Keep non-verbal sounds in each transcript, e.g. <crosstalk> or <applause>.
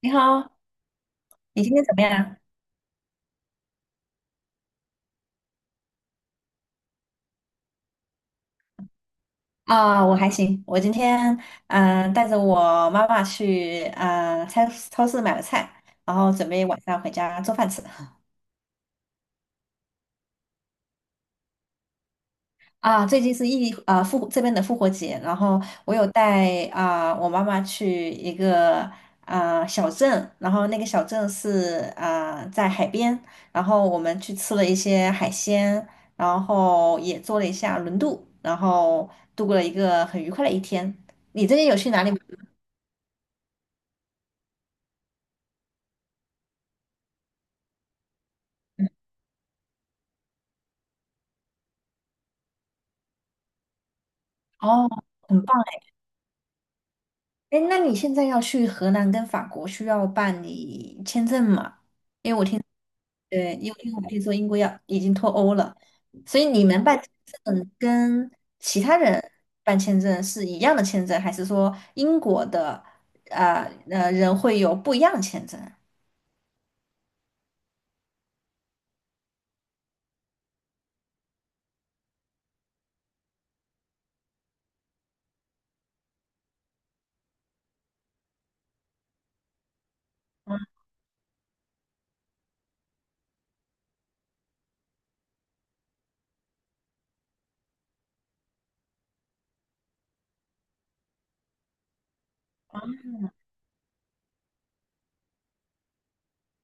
你好，你今天怎么样？我还行。我今天带着我妈妈去超市买了菜，然后准备晚上回家做饭吃。最近是异地啊、呃、复活这边的复活节，然后我有带我妈妈去一个小镇，然后那个小镇是在海边，然后我们去吃了一些海鲜，然后也做了一下轮渡，然后度过了一个很愉快的一天。你最近有去哪里？哦，很棒。哎！哎，那你现在要去荷兰跟法国，需要办理签证吗？对，因为我听说英国要已经脱欧了，所以你们办签证跟其他人办签证是一样的签证，还是说英国的人会有不一样的签证？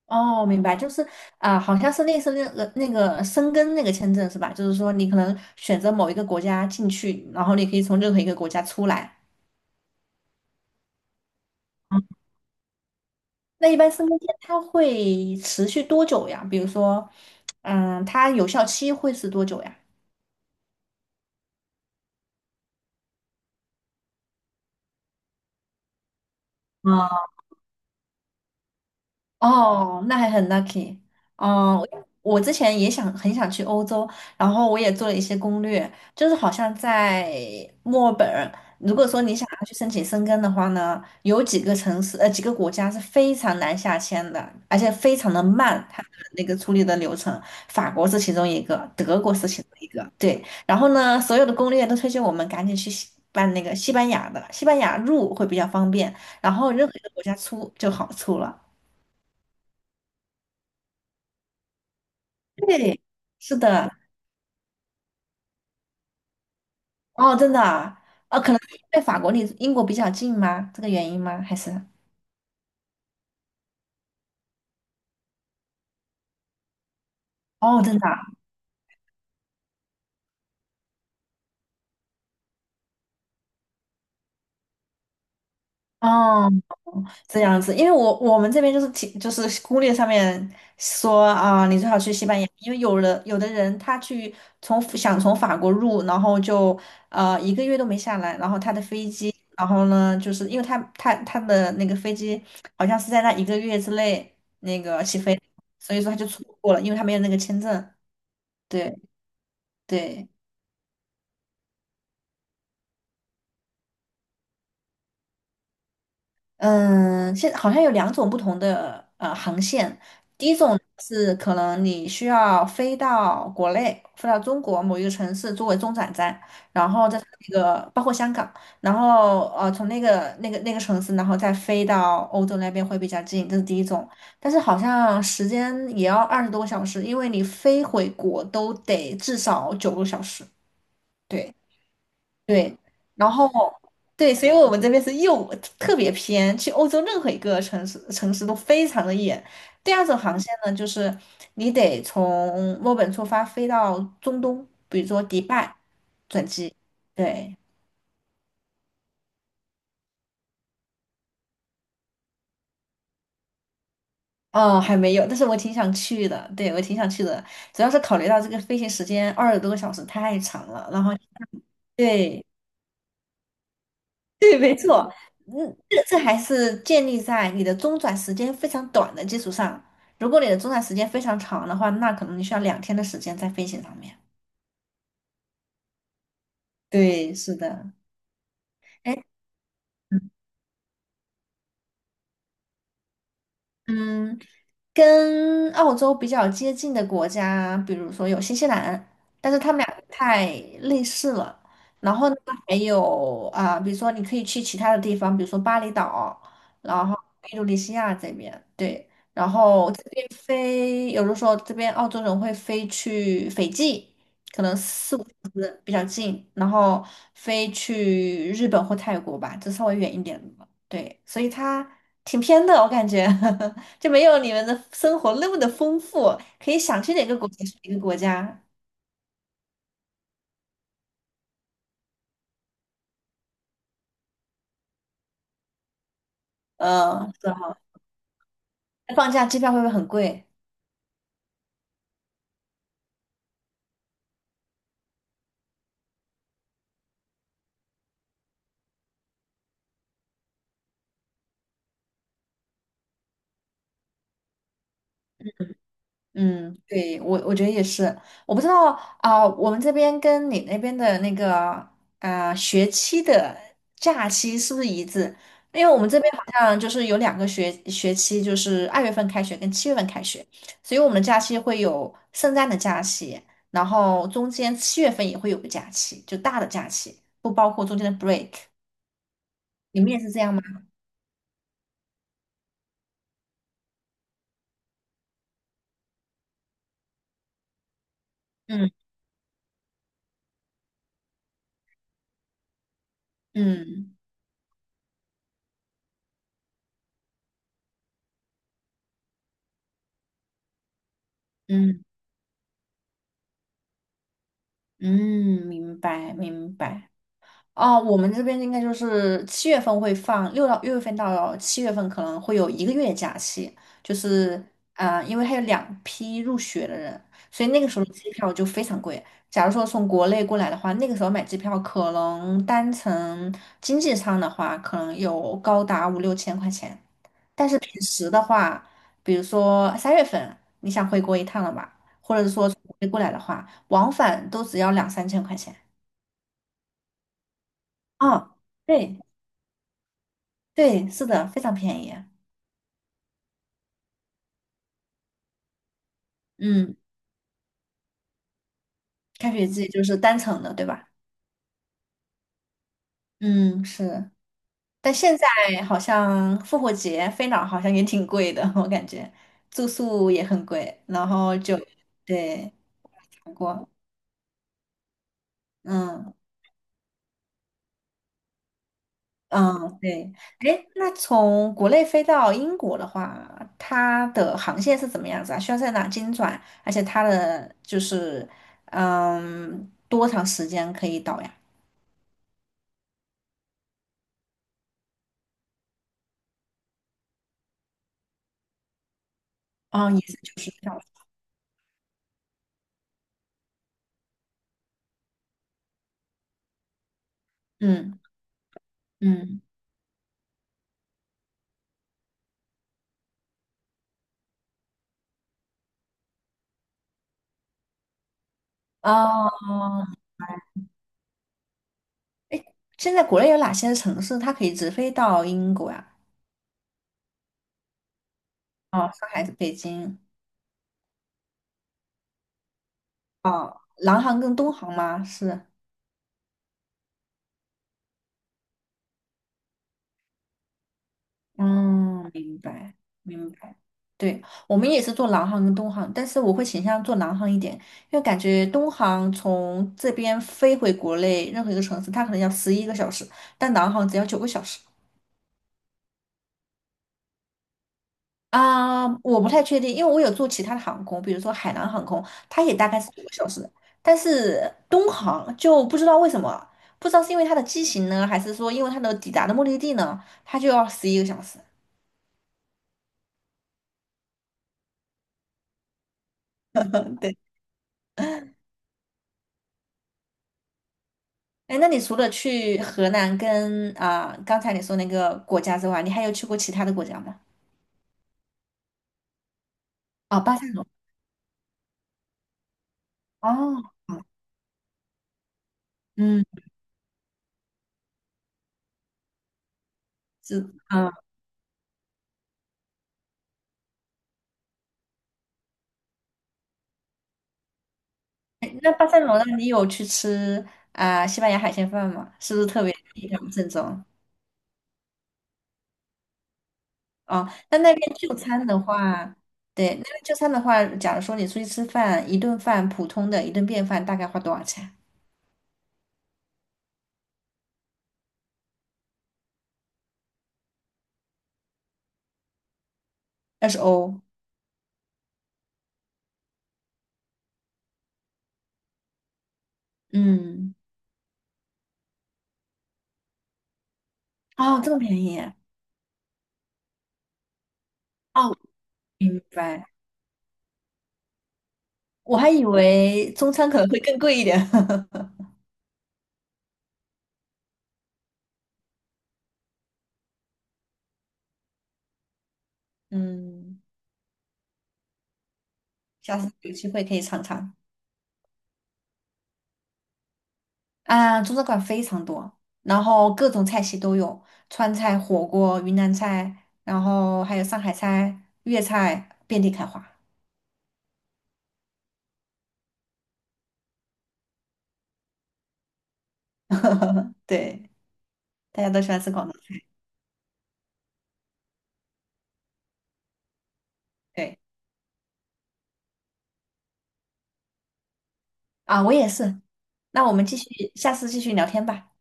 哦，明白，就是好像是类似那个申根那个签证是吧？就是说你可能选择某一个国家进去，然后你可以从任何一个国家出来。那一般身份证它会持续多久呀？比如说，它有效期会是多久呀？哦，那还很 lucky 哦。我之前也想很想去欧洲，然后我也做了一些攻略，就是好像在墨尔本，如果说你想要去申请申根的话呢，有几个国家是非常难下签的，而且非常的慢，它的那个处理的流程，法国是其中一个，德国是其中一个，对。然后呢，所有的攻略都推荐我们赶紧去办那个西班牙的，西班牙入会比较方便，然后任何一个国家出就好出了。对，是的，哦，真的啊，哦，可能是因为法国离英国比较近吗？这个原因吗？还是哦，真的啊，哦，这样子，因为我们这边就是提就是攻略上面说你最好去西班牙，因为有的人他想从法国入，然后就一个月都没下来，然后他的飞机，然后呢，就是因为他的那个飞机好像是在那一个月之内那个起飞，所以说他就错过了，因为他没有那个签证，对。对，嗯，现好像有两种不同的航线。第一种是可能你需要飞到国内，飞到中国某一个城市作为中转站，然后在那个包括香港，然后从那个城市，然后再飞到欧洲那边会比较近，这是第一种。但是好像时间也要二十多个小时，因为你飞回国都得至少九个小时。对。对，然后对，所以我们这边是又特别偏，去欧洲任何一个城市都非常的远。第二种航线呢，就是你得从墨尔本出发飞到中东，比如说迪拜转机。对，哦，还没有，但是我挺想去的。对，我挺想去的，主要是考虑到这个飞行时间二十多个小时太长了，然后对 <laughs> 对，没错，嗯，这这还是建立在你的中转时间非常短的基础上。如果你的中转时间非常长的话，那可能你需要2天的时间在飞行上面。对，是的。哎，嗯，跟澳洲比较接近的国家，比如说有新西兰，但是他们俩太类似了。然后呢，还有比如说你可以去其他的地方，比如说巴厘岛，然后印度尼西亚这边，对。然后这边飞，有的时候这边澳洲人会飞去斐济，可能4、5个小时比较近，然后飞去日本或泰国吧，这稍微远一点的。对，所以它挺偏的，我感觉。<laughs> 就没有你们的生活那么的丰富，可以想去哪个国家去哪个国家。嗯，是哈。放假机票会不会很贵？嗯，对，我我觉得也是。我不知道啊，我们这边跟你那边的那个学期的假期是不是一致？因为我们这边好像就是有两个学期，就是2月份开学跟七月份开学，所以我们的假期会有圣诞的假期，然后中间七月份也会有个假期，就大的假期，不包括中间的 break。你们也是这样吗？嗯，嗯，嗯，嗯，明白明白。哦，我们这边应该就是七月份会放，6月份到七月份可能会有一个月假期，就是因为还有两批入学的人，所以那个时候的机票就非常贵。假如说从国内过来的话，那个时候买机票可能单程经济舱的话，可能有高达5、6千块钱。但是平时的话，比如说3月份你想回国一趟了吧，或者是说从国内过来的话，往返都只要2、3千块钱。哦，对，对，是的，非常便宜。嗯，开学季就是单程的，对吧？嗯，是。但现在好像复活节飞哪儿好像也挺贵的，我感觉住宿也很贵，然后就对，韩国。嗯。嗯，对，哎，那从国内飞到英国的话，它的航线是怎么样子啊？需要在哪经转？而且它的就是，嗯，多长时间可以到呀？嗯，也是就是小时嗯嗯，哦，现在国内有哪些城市它可以直飞到英国呀？哦，上海、北京，哦，南航跟东航吗？是，嗯，明白，明白。对，我们也是做南航跟东航，但是我会倾向做南航一点，因为感觉东航从这边飞回国内任何一个城市，它可能要十一个小时，但南航只要九个小时。我不太确定，因为我有做其他的航空，比如说海南航空，它也大概是九个小时，但是东航就不知道为什么，不知道是因为它的机型呢，还是说因为它的抵达的目的地呢，它就要十一个小时。对。哎，那你除了去河南跟刚才你说那个国家之外，你还有去过其他的国家吗？哦，巴塞罗那哦，好，嗯，是，啊。哎那巴塞罗那你有去吃西班牙海鲜饭吗？是不是特别地道正宗？哦，那那边就餐的话，对，那边就餐的话，假如说你出去吃饭，一顿饭普通的一顿便饭大概花多少钱？20欧。嗯，哦，这么便宜。哦，明白。我还以为中餐可能会更贵一点。<laughs> 嗯，下次有机会可以尝尝。啊，中餐馆非常多，然后各种菜系都有，川菜、火锅、云南菜，然后还有上海菜、粤菜，遍地开花。<laughs> 对，大家都喜欢吃广东菜。对，啊，我也是。那我们继续，下次继续聊天吧。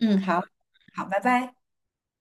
嗯，好，好，拜拜。